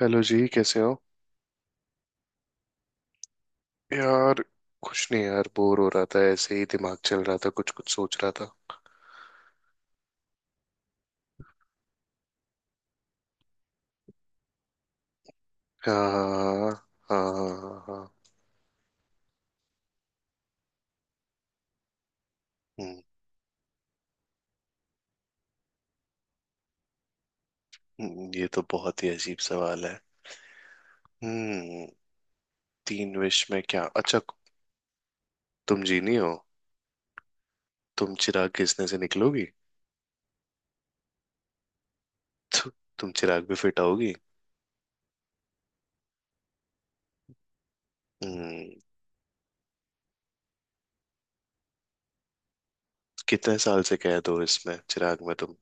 Hello जी, कैसे हो? यार। कुछ नहीं यार, बोर हो रहा था, ऐसे ही दिमाग चल रहा था, कुछ कुछ सोच रहा था। हाँ, हाँ, हाँ, हाँ, हाँ। हम्म ये तो बहुत ही अजीब सवाल है। हम्म। तीन विश में क्या अच्छा? तुम जीनी हो? तुम चिराग घिसने से निकलोगी? तु, तुम चिराग भी फिट आओगी? हम्म। कितने साल से कैद हो इसमें, चिराग में तुम?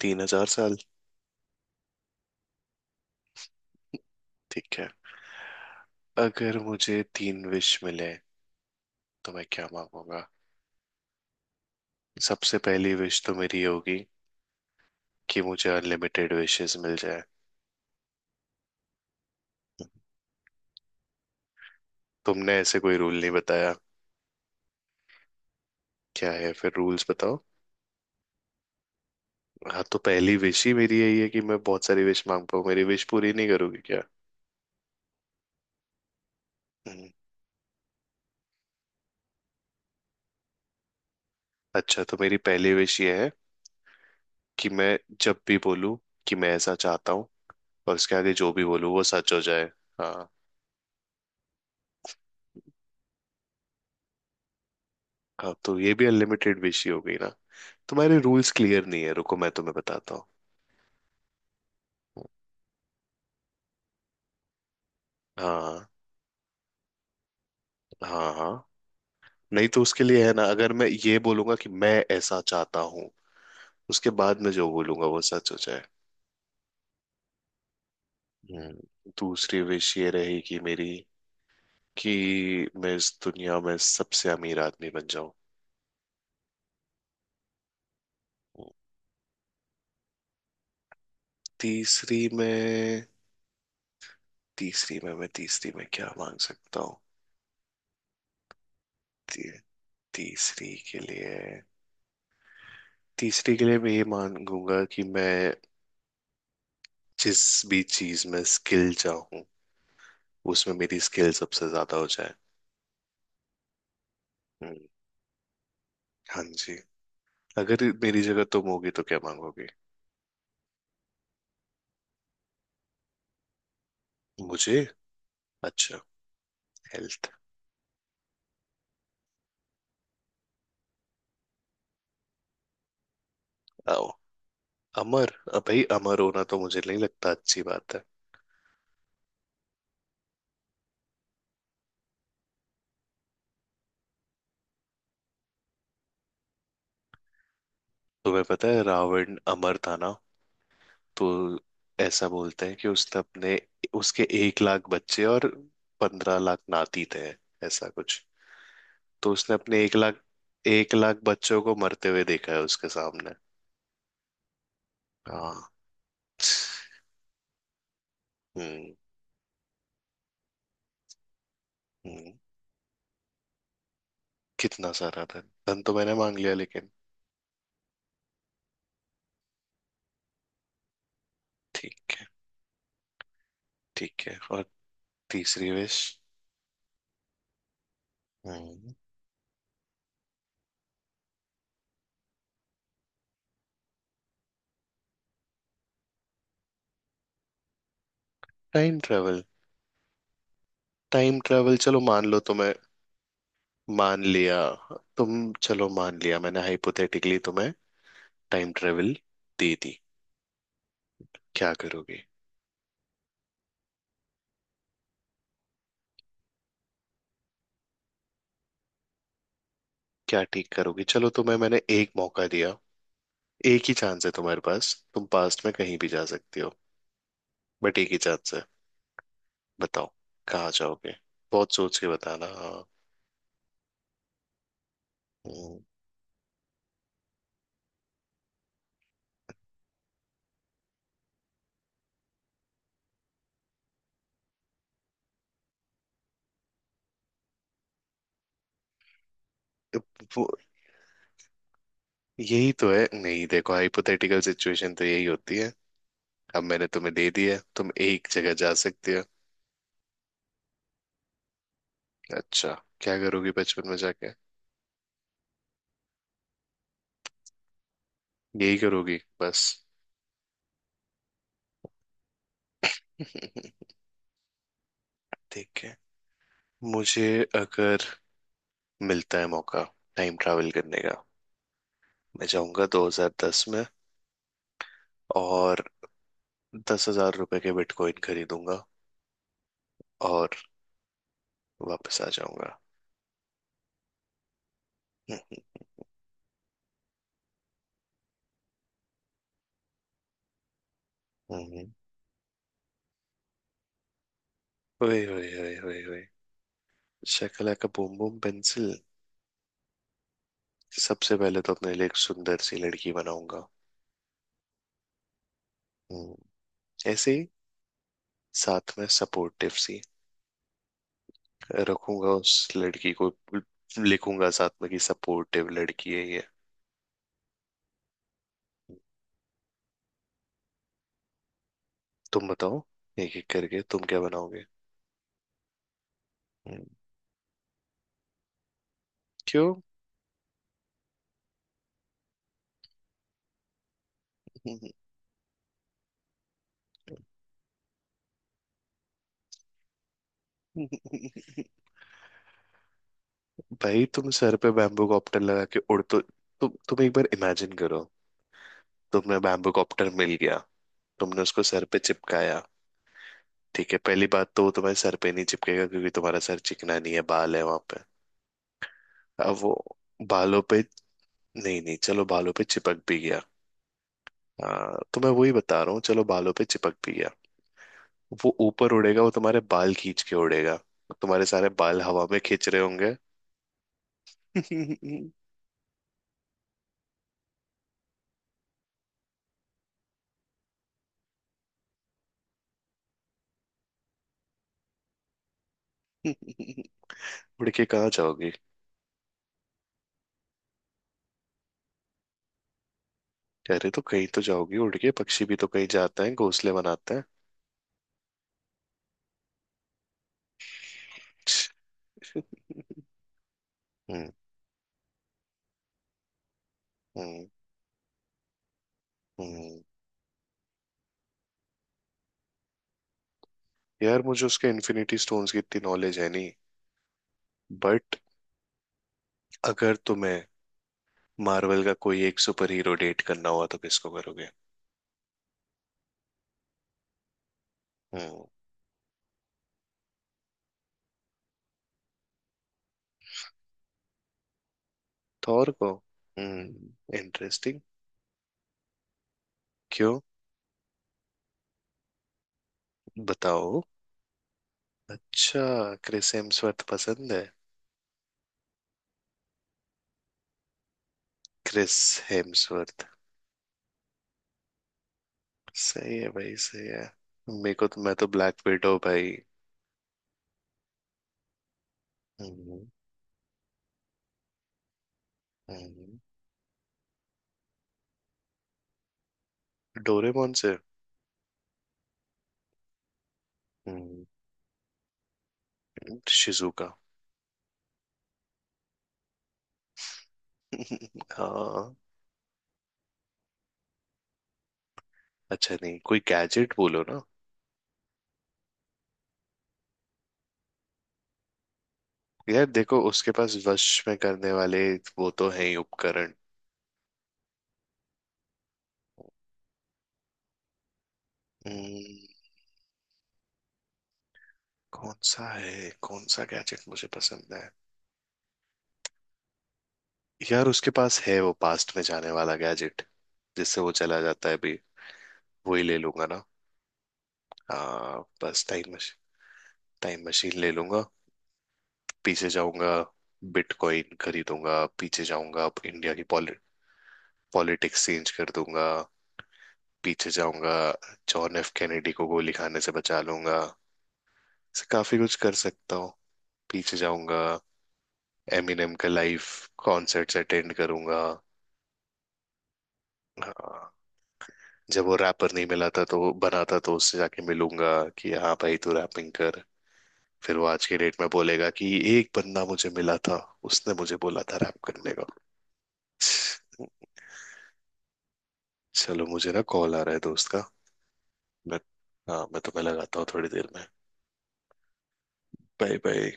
3000 साल? ठीक है। अगर मुझे तीन विश मिले तो मैं क्या मांगूंगा? सबसे पहली विश तो मेरी ये होगी कि मुझे अनलिमिटेड विशेस मिल जाए। तुमने ऐसे कोई रूल नहीं बताया। क्या है फिर? रूल्स बताओ। हाँ, तो पहली विश ही मेरी यही है कि मैं बहुत सारी विश मांग पाऊँ। मेरी विश पूरी नहीं करोगी क्या? हम्म, अच्छा, तो मेरी पहली विश ये है कि मैं जब भी बोलूँ कि मैं ऐसा चाहता हूँ, और उसके आगे जो भी बोलूँ वो सच हो जाए। हाँ, हाँ, तो ये भी अनलिमिटेड विश ही हो गई ना। तुम्हारे रूल्स क्लियर नहीं है, रुको मैं तुम्हें बताता हूँ। हाँ, हाँ, हाँ। नहीं तो उसके लिए है ना, अगर मैं ये बोलूंगा कि मैं ऐसा चाहता हूँ, उसके बाद मैं जो बोलूंगा वो सच हो जाए। दूसरी विश ये रहेगी मेरी कि मैं इस दुनिया में सबसे अमीर आदमी बन जाऊं। तीसरी में। तीसरी में मैं तीसरी में क्या मांग सकता हूँ? ती, तीसरी के लिए तीसरी के लिए मैं ये मांगूंगा कि मैं जिस भी चीज में स्किल चाहूँ, उसमें मेरी स्किल सबसे ज्यादा हो जाए। हम्म। हाँ जी। अगर मेरी जगह तुम होगी तो क्या मांगोगे? मुझे। अच्छा। हेल्थ। अमर, भाई, अमर होना तो मुझे नहीं लगता अच्छी बात है। तुम्हें पता है रावण अमर था ना। तो ऐसा बोलते हैं कि उसने अपने, उसके 1 लाख बच्चे और 15 लाख नाती थे, ऐसा कुछ। तो उसने अपने एक लाख बच्चों को मरते हुए देखा है उसके सामने। हाँ। हम्म। हम्म। कितना सारा धन? धन तो मैंने मांग लिया लेकिन। ठीक है, ठीक है, और तीसरी wish. Time travel. Time travel, चलो मान लो तुम्हें। मान लिया। तुम, चलो मान लिया मैंने, हाइपोथेटिकली तुम्हें टाइम ट्रेवल दे दी। क्या करोगे? क्या ठीक करोगे? चलो तुम्हें मैंने एक मौका दिया। एक ही चांस है तुम्हारे पास, तुम पास्ट में कहीं भी जा सकती हो। बट एक ही चांस है। बताओ। कहाँ जाओगे? बहुत सोच के बताना हाँ। हम्म, अब वो। यही तो है नहीं, देखो हाइपोथेटिकल सिचुएशन तो यही होती है। अब मैंने तुम्हें दे दिया, तुम एक जगह जा सकती हो। अच्छा। क्या करोगी बचपन में जाके? यही करोगी बस? ठीक है। मुझे, अगर मिलता है मौका टाइम ट्रैवल करने का, मैं जाऊंगा 2010 में और 10,000 रुपए के बिटकॉइन खरीदूंगा और वापस आ जाऊंगा। हम्म, ओए ओए ओए ओए ओए! शकला का बूम बूम पेंसिल। सबसे पहले तो अपने लिए एक सुंदर सी लड़की बनाऊंगा। हम्म, ऐसे ही, साथ में सपोर्टिव सी रखूंगा उस लड़की को। लिखूंगा साथ में कि सपोर्टिव लड़की है ये। तुम बताओ। एक एक करके तुम क्या बनाओगे? हम्म, क्यों? भाई, तुम सर पे बैम्बू कॉप्टर लगा के उड़, तो तुम एक बार इमेजिन करो। तुम्हें बैम्बू कॉप्टर मिल गया। तुमने उसको सर पे चिपकाया। ठीक है, पहली बात तो वो तुम्हारे सर पे नहीं चिपकेगा क्योंकि तुम्हारा सर चिकना नहीं है, बाल है वहां पे। अब वो बालों पे। नहीं नहीं चलो बालों पे चिपक भी गया। हाँ, तो मैं वही बता रहा हूँ, चलो बालों पे चिपक भी गया। वो ऊपर उड़ेगा, वो तुम्हारे बाल खींच के उड़ेगा। तुम्हारे सारे बाल हवा में खींच रहे होंगे। उड़ के कहाँ जाओगी? कह रहे तो कहीं तो जाओगी उड़ के, पक्षी भी तो कहीं जाता है, घोंसले बनाता है। हम्म, हम्म, हम्म। यार, मुझे उसके इन्फिनिटी स्टोन्स की इतनी नॉलेज है नहीं। बट, अगर तुम्हें मार्वल का कोई एक सुपर हीरो डेट करना हुआ तो किसको करोगे? हम्म। थॉर को। इंटरेस्टिंग। क्यों? बताओ। अच्छा। क्रिस हेम्सवर्थ पसंद है? क्रिस हेम्सवर्थ, सही है भाई, सही है। मेरे को तो, मैं तो ब्लैक विडो भाई। हम्म। हम्म, डोरेमोन से। हम्म, शिजुका। हाँ। अच्छा, नहीं, कोई गैजेट बोलो ना। यार देखो, उसके पास वश में करने वाले वो तो है ही उपकरण। हम्म, कौन सा है, कौन सा गैजेट मुझे पसंद है? यार, उसके पास है वो पास्ट में जाने वाला गैजेट, जिससे वो चला जाता है अभी। वो ही ले लूंगा ना। हाँ, बस टाइम मशीन। टाइम मशीन ले लूंगा। पीछे जाऊंगा। बिटकॉइन खरीदूंगा, पीछे जाऊंगा, अब इंडिया की पॉलिटिक्स चेंज कर दूंगा। पीछे जाऊंगा, जॉन एफ कैनेडी को गोली खाने से बचा लूंगा। ऐसे काफी कुछ कर सकता हूँ। पीछे जाऊंगा, एमिनेम का लाइव कॉन्सर्ट्स अटेंड करूंगा। हाँ, जब वो रैपर नहीं मिला था, तो बनाता तो उससे जाके मिलूंगा कि हाँ भाई, तू रैपिंग कर। फिर वो आज के डेट में बोलेगा कि एक बंदा मुझे मिला था, उसने मुझे बोला था रैप करने का। चलो, मुझे ना कॉल आ रहा है दोस्त का। मैं, हाँ, मैं तुम्हें लगाता हूँ थोड़ी देर में। Bye bye.